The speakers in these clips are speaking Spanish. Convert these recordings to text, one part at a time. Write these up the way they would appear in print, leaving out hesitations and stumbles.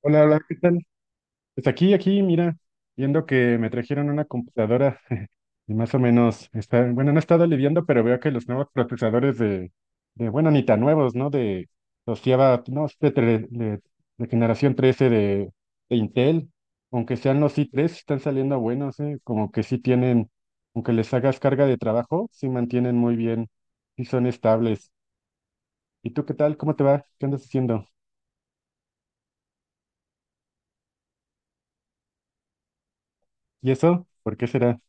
Hola, hola, ¿qué tal? Pues aquí, mira, viendo que me trajeron una computadora y más o menos está, bueno, no he estado lidiando, pero veo que los nuevos procesadores de bueno, ni tan nuevos, ¿no? De los Java, no, de generación 13 de Intel, aunque sean los i tres, están saliendo buenos, ¿eh? Como que sí tienen, aunque les hagas carga de trabajo, sí mantienen muy bien, sí son estables. ¿Y tú qué tal? ¿Cómo te va? ¿Qué andas haciendo? ¿Y eso? ¿Por qué será?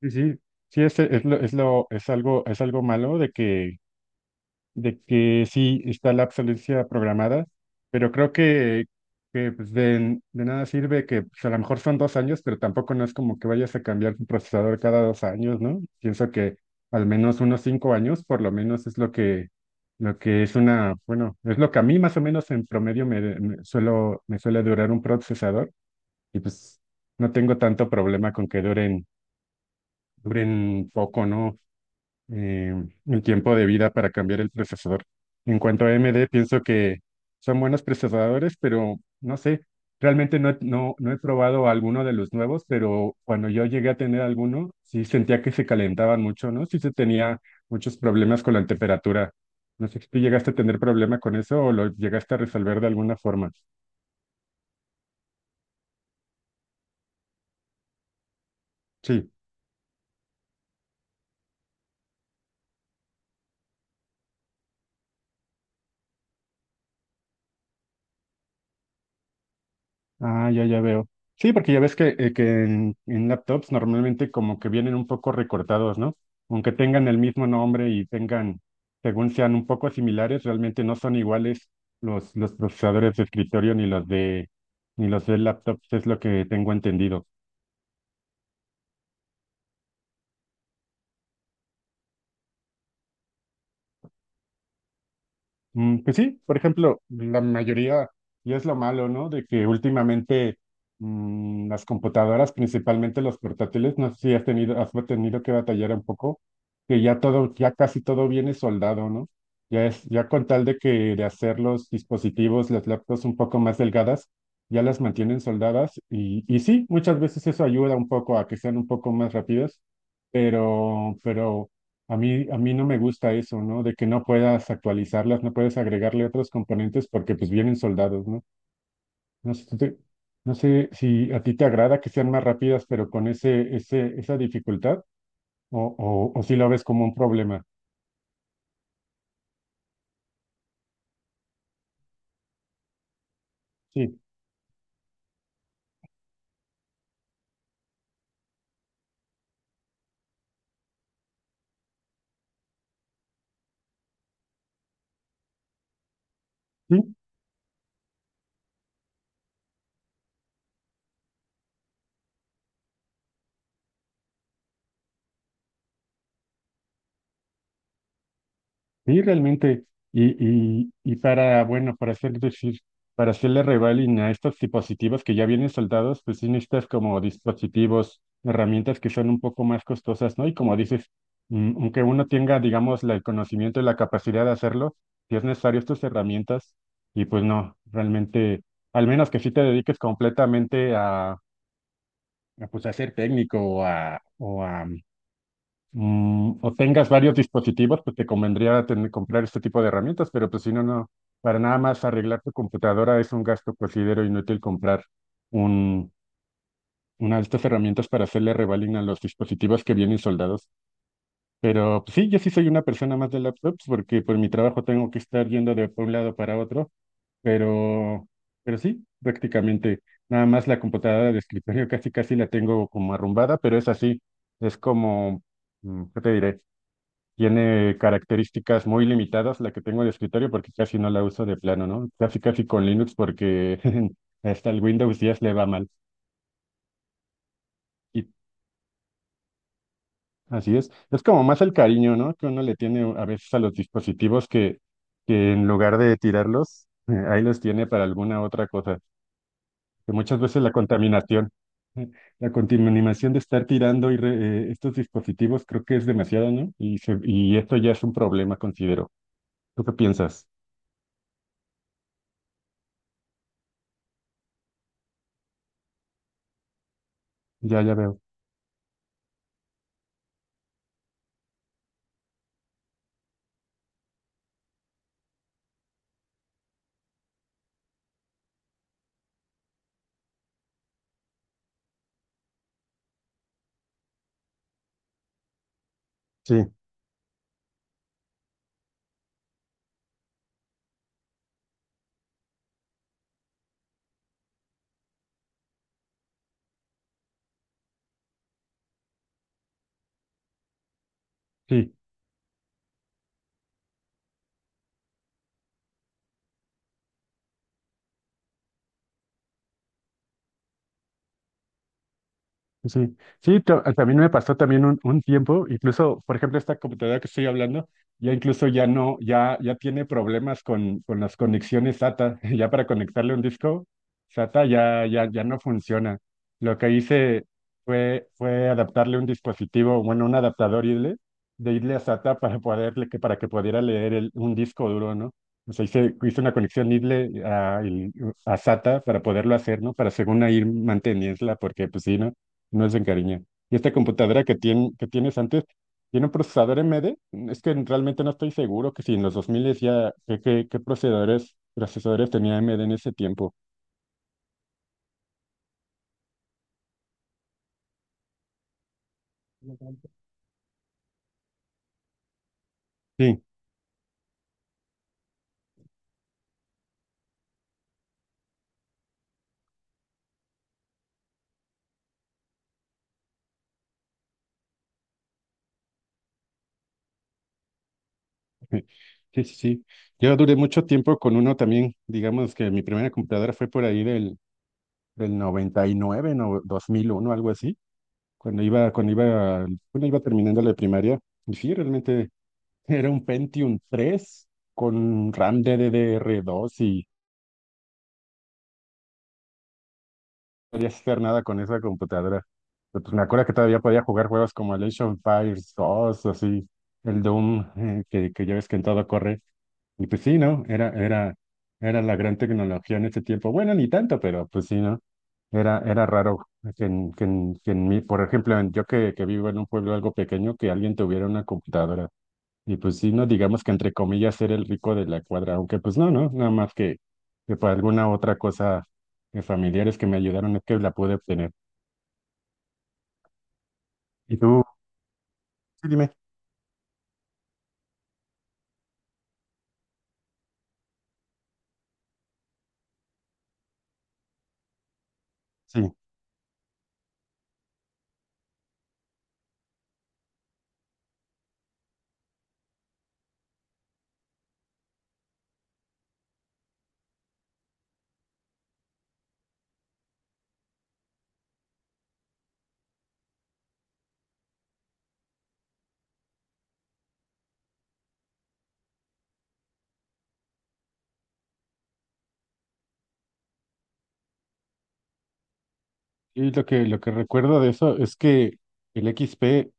Sí, sí, sí, es lo, es lo, es algo malo de que sí está la obsolescencia programada, pero creo que pues de nada sirve que pues, a lo mejor son dos años, pero tampoco no es como que vayas a cambiar tu procesador cada dos años, ¿no? Pienso que al menos unos cinco años, por lo menos es lo que es una, bueno, es lo que a mí más o menos en promedio me suele durar un procesador, y pues no tengo tanto problema con que duren poco, ¿no? eh, el tiempo de vida para cambiar el procesador. En cuanto a AMD, pienso que son buenos procesadores, pero no sé, realmente no he probado alguno de los nuevos, pero cuando yo llegué a tener alguno, sí sentía que se calentaban mucho, ¿no? Sí se tenía muchos problemas con la temperatura. No sé si tú llegaste a tener problema con eso o lo llegaste a resolver de alguna forma. Sí. Ah, ya, ya veo. Sí, porque ya ves que, en laptops normalmente como que vienen un poco recortados, ¿no? Aunque tengan el mismo nombre y tengan, según sean un poco similares, realmente no son iguales los procesadores de escritorio ni los de laptops, es lo que tengo entendido. Mm, pues sí, por ejemplo, la mayoría, y es lo malo, ¿no? De que últimamente las computadoras, principalmente los portátiles, no sé si has tenido que batallar un poco, que ya todo, ya casi todo viene soldado, ¿no? Ya es, ya con tal de que de hacer los dispositivos, las laptops un poco más delgadas, ya las mantienen soldadas, y sí, muchas veces eso ayuda un poco a que sean un poco más rápidas, pero, pero a mí no me gusta eso, ¿no? De que no puedas actualizarlas, no puedes agregarle otros componentes porque pues vienen soldados, ¿no? No sé, no sé si a ti te agrada que sean más rápidas, pero con esa dificultad, o si lo ves como un problema. Sí. Sí, realmente, y para, bueno, para hacer, decir, para hacerle revaling a estos dispositivos que ya vienen soldados, pues sí necesitas como dispositivos, herramientas que son un poco más costosas, ¿no? Y como dices, aunque uno tenga, digamos, el conocimiento y la capacidad de hacerlo, si es necesario estas herramientas, y pues no, realmente, al menos que sí te dediques completamente a pues a ser técnico o a, o tengas varios dispositivos, pues te convendría comprar este tipo de herramientas, pero pues si no, no, para nada más arreglar tu computadora es un gasto, considero inútil comprar un, una de estas herramientas para hacerle revaling a los dispositivos que vienen soldados. Pero pues, sí, yo sí soy una persona más de laptops porque por mi trabajo tengo que estar yendo de un lado para otro, pero, pero sí, prácticamente nada más la computadora de escritorio casi casi la tengo como arrumbada, pero es así, es como, ¿qué te diré? Tiene características muy limitadas la que tengo de escritorio porque casi no la uso de plano, ¿no? Casi casi con Linux porque hasta el Windows 10 le va mal. Y así es. Es como más el cariño, ¿no? Que uno le tiene a veces a los dispositivos que en lugar de tirarlos, ahí los tiene para alguna otra cosa. Que muchas veces la contaminación, eh, la contaminación de estar tirando estos dispositivos creo que es demasiada, ¿no? Y esto ya es un problema, considero. ¿Tú qué piensas? Ya, ya veo. Sí. Sí, sí, sí, también me pasó también un tiempo, incluso, por ejemplo, esta computadora que estoy hablando, ya incluso ya no, ya tiene problemas con las conexiones SATA, ya para conectarle un disco SATA ya no funciona. Lo que hice fue adaptarle un dispositivo, bueno, un adaptador IDLE, de IDLE a SATA para poderle, que para que pudiera leer un disco duro, ¿no? O sea, hice una conexión IDLE a, a SATA para poderlo hacer, ¿no? Para según ahí mantenerla, porque pues sí, ¿no? No se encariña. Y esta computadora que, que tienes antes, ¿tiene un procesador AMD? Es que realmente no estoy seguro que si en los 2000 ya, ¿qué procesadores tenía AMD en ese tiempo? Sí, sí, sí, sí. Yo duré mucho tiempo con uno también, digamos que mi primera computadora fue por ahí del 99 no, 2001 algo así, cuando iba, cuando iba, cuando iba terminando la primaria. Y sí, realmente era un Pentium 3 con RAM DDR2, podía hacer nada con esa computadora. Pero, pues me acuerdo que todavía podía jugar juegos como el Age of Empires 2, así, el Doom, que ya ves que en todo corre. Y pues sí, ¿no? Era la gran tecnología en ese tiempo. Bueno, ni tanto, pero pues sí, ¿no? Era raro que en mí, por ejemplo, yo que vivo en un pueblo algo pequeño, que alguien tuviera una computadora. Y pues sí, no digamos que entre comillas ser el rico de la cuadra, aunque pues no, no, nada más que por alguna otra cosa de familiares que me ayudaron es que la pude obtener. ¿Y tú? Sí, dime. Sí. Y lo que recuerdo de eso es que el XP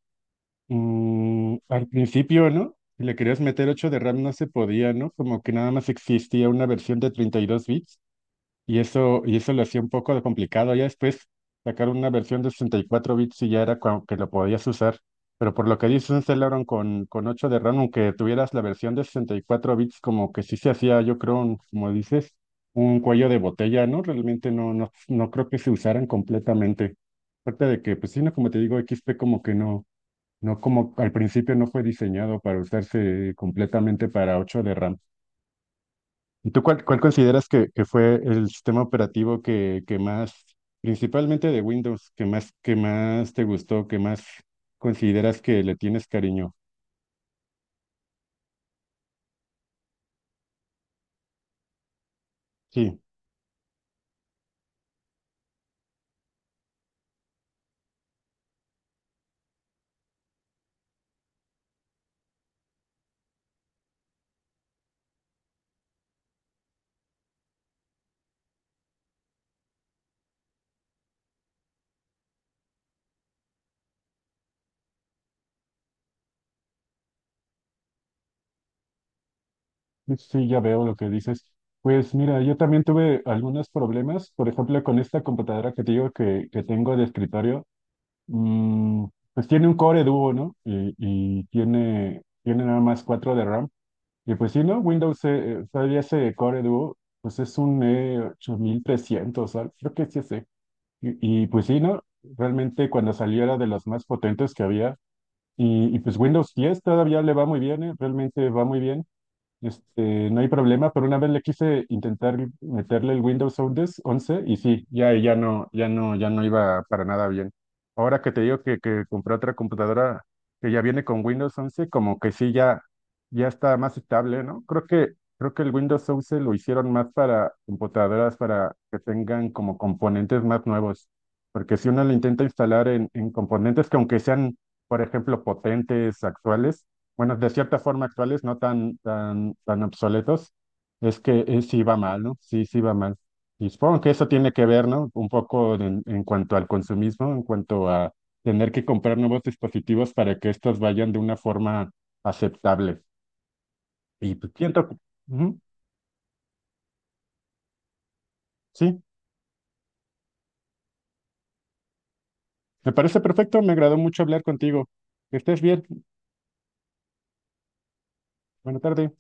al principio, ¿no? Si le querías meter 8 de RAM no se podía, ¿no? Como que nada más existía una versión de 32 bits. Y eso lo hacía un poco de complicado. Ya después sacaron una versión de 64 bits y ya era como que lo podías usar. Pero por lo que dice un Celeron con 8 de RAM, aunque tuvieras la versión de 64 bits, como que sí se hacía, yo creo, como dices, un cuello de botella, ¿no? Realmente no creo que se usaran completamente. Aparte de que, pues sí, no, como te digo, x p como que no, no como al principio no fue diseñado para usarse completamente para 8 de RAM. ¿Y tú cuál consideras que fue el sistema operativo principalmente de Windows, que más te gustó, que más consideras que le tienes cariño? Sí, sí, ya veo lo que dices. Pues mira, yo también tuve algunos problemas, por ejemplo, con esta computadora que te digo que tengo de escritorio, mm, pues tiene un Core Duo, ¿no? Y tiene nada más 4 de RAM. Y pues sí, ¿no? Windows, todavía ese Core Duo, pues es un E8300, creo que sí es E. Pues sí, ¿no? Realmente cuando salió era de las más potentes que había. Y pues Windows 10 todavía le va muy bien, ¿eh? Realmente va muy bien. Este, no hay problema, pero una vez le quise intentar meterle el Windows 11 y sí, ya no iba para nada bien. Ahora que te digo que compré otra computadora que ya viene con Windows 11, como que sí, ya, ya está más estable, ¿no? Creo que el Windows 11 lo hicieron más para computadoras, para que tengan como componentes más nuevos. Porque si uno lo intenta instalar en componentes que aunque sean, por ejemplo, potentes, actuales, bueno, de cierta forma actuales, no tan, tan, tan obsoletos, es que sí va mal, ¿no? Sí, sí va mal. Y supongo que eso tiene que ver, ¿no? Un poco en cuanto al consumismo, en cuanto a tener que comprar nuevos dispositivos para que estos vayan de una forma aceptable. Y pues siento que... Ujú, sí, me parece perfecto, me agradó mucho hablar contigo. Que estés bien. Buena tarde.